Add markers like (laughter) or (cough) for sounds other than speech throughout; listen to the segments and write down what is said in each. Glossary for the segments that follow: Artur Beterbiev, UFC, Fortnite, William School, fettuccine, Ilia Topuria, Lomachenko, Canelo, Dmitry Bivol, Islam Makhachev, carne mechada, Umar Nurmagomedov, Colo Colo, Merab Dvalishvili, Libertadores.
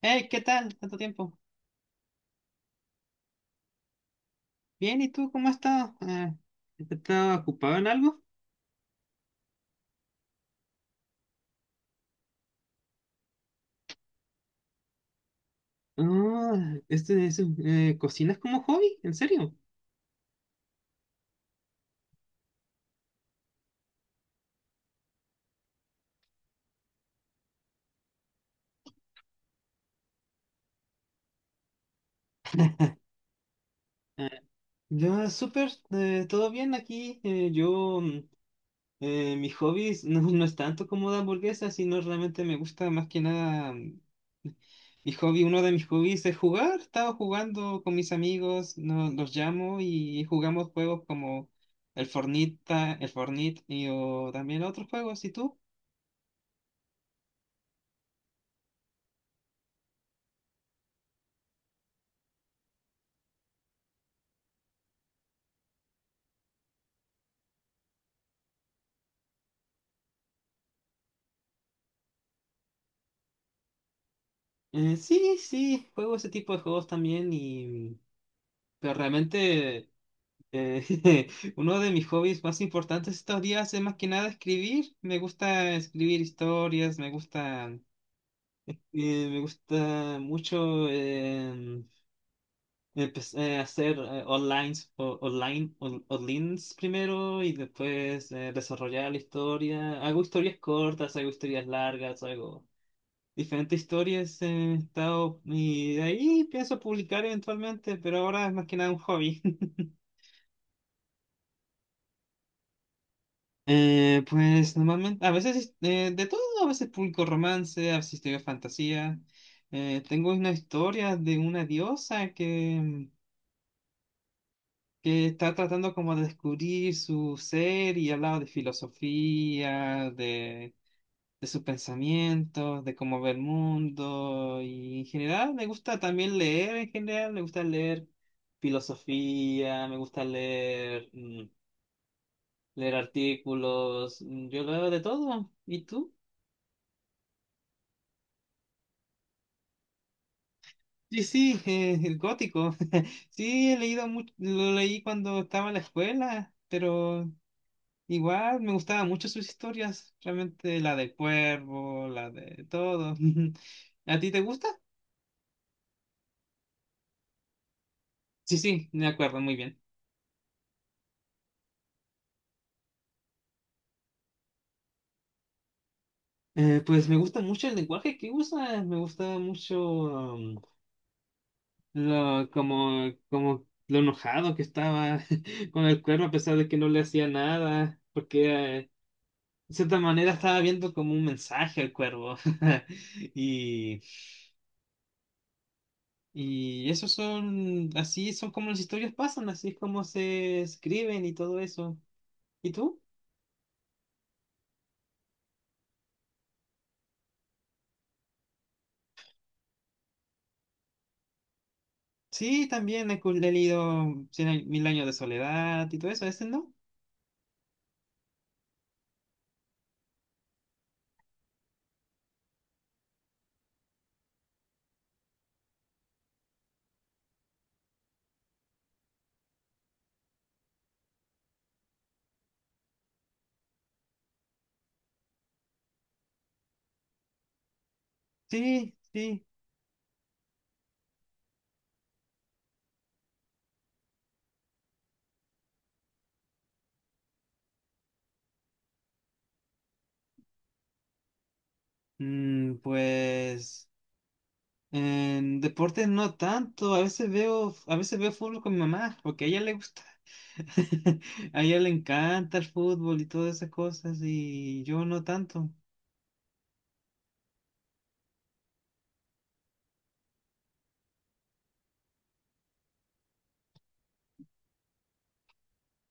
Hey, ¿qué tal? ¿Tanto tiempo? Bien, ¿y tú cómo has estado? ¿Estás ocupado en algo? Ah, este, es, ¿Cocinas como hobby? ¿En serio? Ah, Ya, súper, todo bien aquí. Mis hobbies no es tanto como de hamburguesas, sino realmente me gusta más que nada. Mi hobby, uno de mis hobbies es jugar. Estaba jugando con mis amigos, los llamo y jugamos juegos como el Fornita, el Fornite y o también otros juegos. ¿Y tú? Sí, sí, juego ese tipo de juegos también y... Pero realmente eh, (laughs) uno de mis hobbies más importantes estos días es más que nada escribir. Me gusta escribir historias, me gusta mucho hacer online, online, onlines primero y después desarrollar la historia. Hago historias cortas, hago historias largas, hago... diferentes historias he estado y de ahí pienso publicar eventualmente, pero ahora es más que nada un hobby. (laughs) Pues normalmente, a veces de todo, a veces publico romance, a veces escribo fantasía. Tengo una historia de una diosa que está tratando como de descubrir su ser y hablaba de filosofía, de sus pensamientos, de cómo ve el mundo y en general me gusta también leer, en general me gusta leer filosofía, me gusta leer, leer artículos, yo leo de todo. ¿Y tú? Sí, sí, el gótico. (laughs) Sí, he leído mucho, lo leí cuando estaba en la escuela, pero igual me gustaban mucho sus historias, realmente la del cuervo, la de todo. (laughs) ¿A ti te gusta? Sí, sí, me acuerdo muy bien. Pues me gusta mucho el lenguaje que usa, me gusta mucho um, lo, como, como lo enojado que estaba (laughs) con el cuervo a pesar de que no le hacía nada, porque eh, de cierta manera estaba viendo como un mensaje al cuervo. (laughs) Y, y eso son, así son como las historias pasan, así es como se escriben y todo eso. ¿Y tú? Sí, también he leído Mil Años de Soledad y todo eso, ¿ese no? Sí, sí. Mm, pues en deporte no tanto, a veces veo fútbol con mi mamá, porque a ella le gusta, (laughs) a ella le encanta el fútbol y todas esas cosas, y yo no tanto.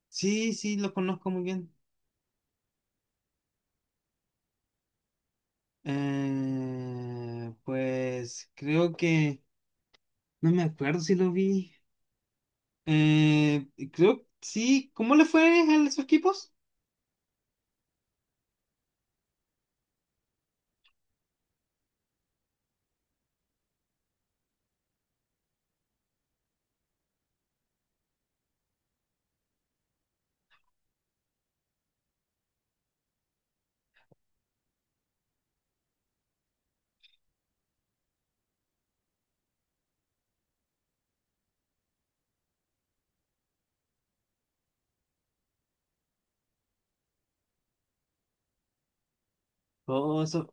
Sí, sí, lo conozco muy bien. Pues creo que, no me acuerdo si lo vi. Eh, creo, sí, ¿cómo le fue a esos equipos? Oh,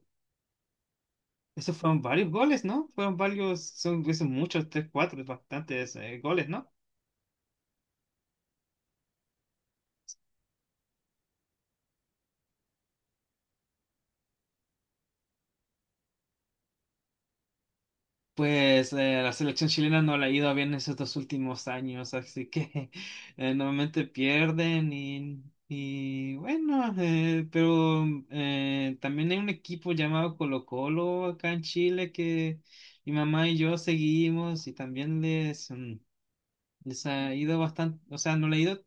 esos fueron varios goles, ¿no? Fueron varios, son, son muchos, tres, cuatro, bastantes goles, ¿no? Pues la selección chilena no le ha ido bien en esos dos últimos años, así que (laughs) normalmente pierden y bueno, pero también hay un equipo llamado Colo Colo acá en Chile que mi mamá y yo seguimos y también les, les ha ido bastante, o sea, no le ha ido.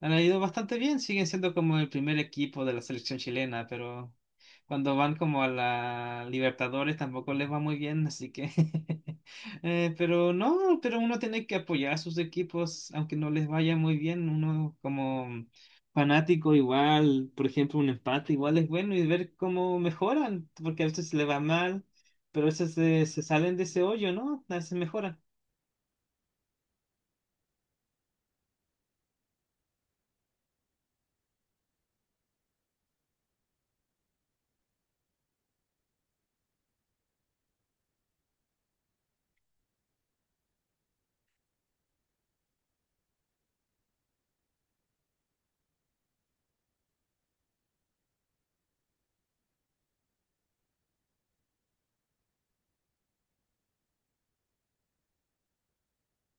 Han ido bastante bien, siguen siendo como el primer equipo de la selección chilena, pero cuando van como a la Libertadores tampoco les va muy bien, así que... (laughs) pero no, pero uno tiene que apoyar a sus equipos, aunque no les vaya muy bien, uno como fanático igual, por ejemplo, un empate igual es bueno y ver cómo mejoran, porque a veces le va mal, pero a veces se salen de ese hoyo, ¿no? A veces mejoran.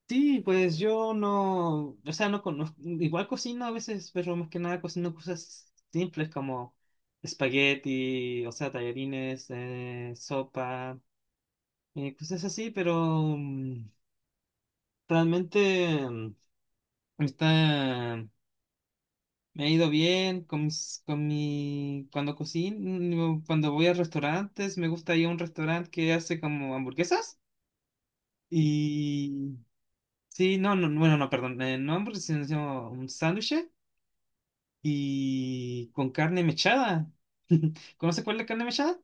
Sí, pues yo no, o sea, no conozco, igual cocino a veces, pero más que nada cocino cosas simples como espagueti, o sea, tallarines, sopa, cosas así, pero mm, realmente mm, está, me ha ido bien con mis, con mi, cuando cocino, cuando voy a restaurantes, me gusta ir a un restaurante que hace como hamburguesas y, sí, no, no, bueno, no, perdón, no hamburguesas, sino un sándwich y con carne mechada. (laughs) ¿Conoces cuál es la carne mechada?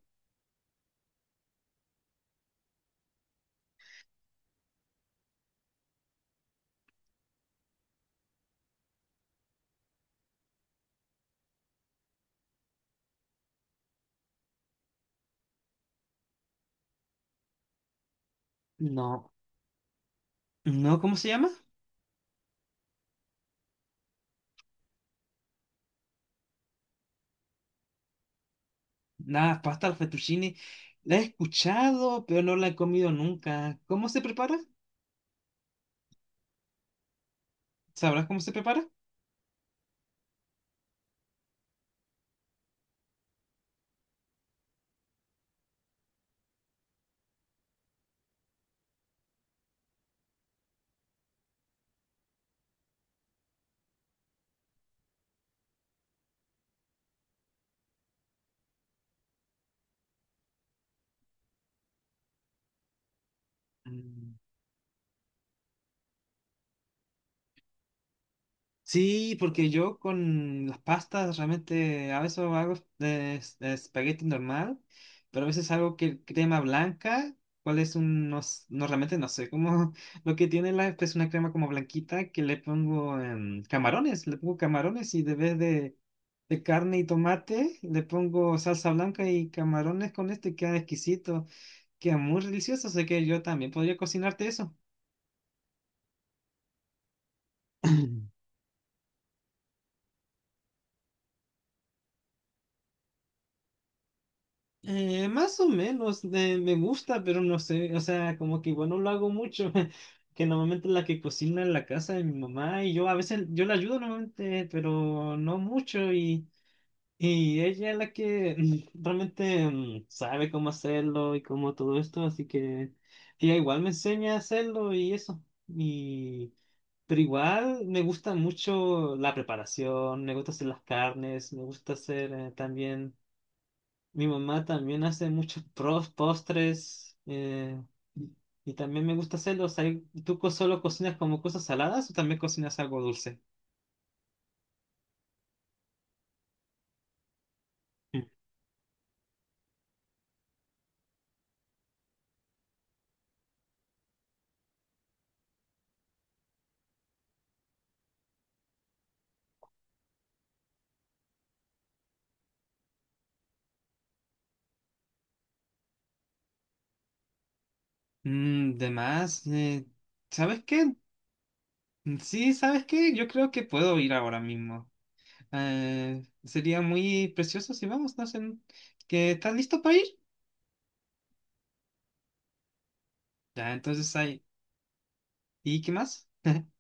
No, no, ¿cómo se llama? La pasta al fettuccine. La he escuchado, pero no la he comido nunca. ¿Cómo se prepara? ¿Sabrás cómo se prepara? Sí, porque yo con las pastas realmente a veces hago de, de espagueti normal, pero a veces hago que crema blanca, cuál es un, no, no, realmente no sé, cómo (laughs) lo que tiene la, es una crema como blanquita que le pongo camarones, le pongo camarones y de vez de carne y tomate le pongo salsa blanca y camarones con este, queda exquisito, queda muy delicioso, así que yo también podría cocinarte eso. (clears throat) Más o menos, me gusta, pero no sé, o sea, como que igual no lo hago mucho, (laughs) que normalmente la que cocina en la casa de mi mamá y yo a veces, yo la ayudo normalmente, pero no mucho y ella es la que (laughs) sabe cómo hacerlo y cómo todo esto, así que ella igual me enseña a hacerlo y eso, y, pero igual me gusta mucho la preparación, me gusta hacer las carnes, me gusta hacer también... Mi mamá también hace muchos postres y también me gusta hacerlos. ¿Tú solo cocinas como cosas saladas o también cocinas algo dulce? Mm, de más, ¿sabes qué? Sí, ¿sabes qué? Yo creo que puedo ir ahora mismo. Sería muy precioso si vamos, no sé, ¿que estás listo para ir? Ya, entonces ahí. ¿Y qué más? (laughs)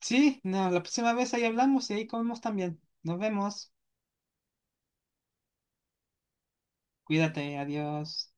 Sí, no, la próxima vez ahí hablamos y ahí comemos también. Nos vemos. Cuídate, adiós.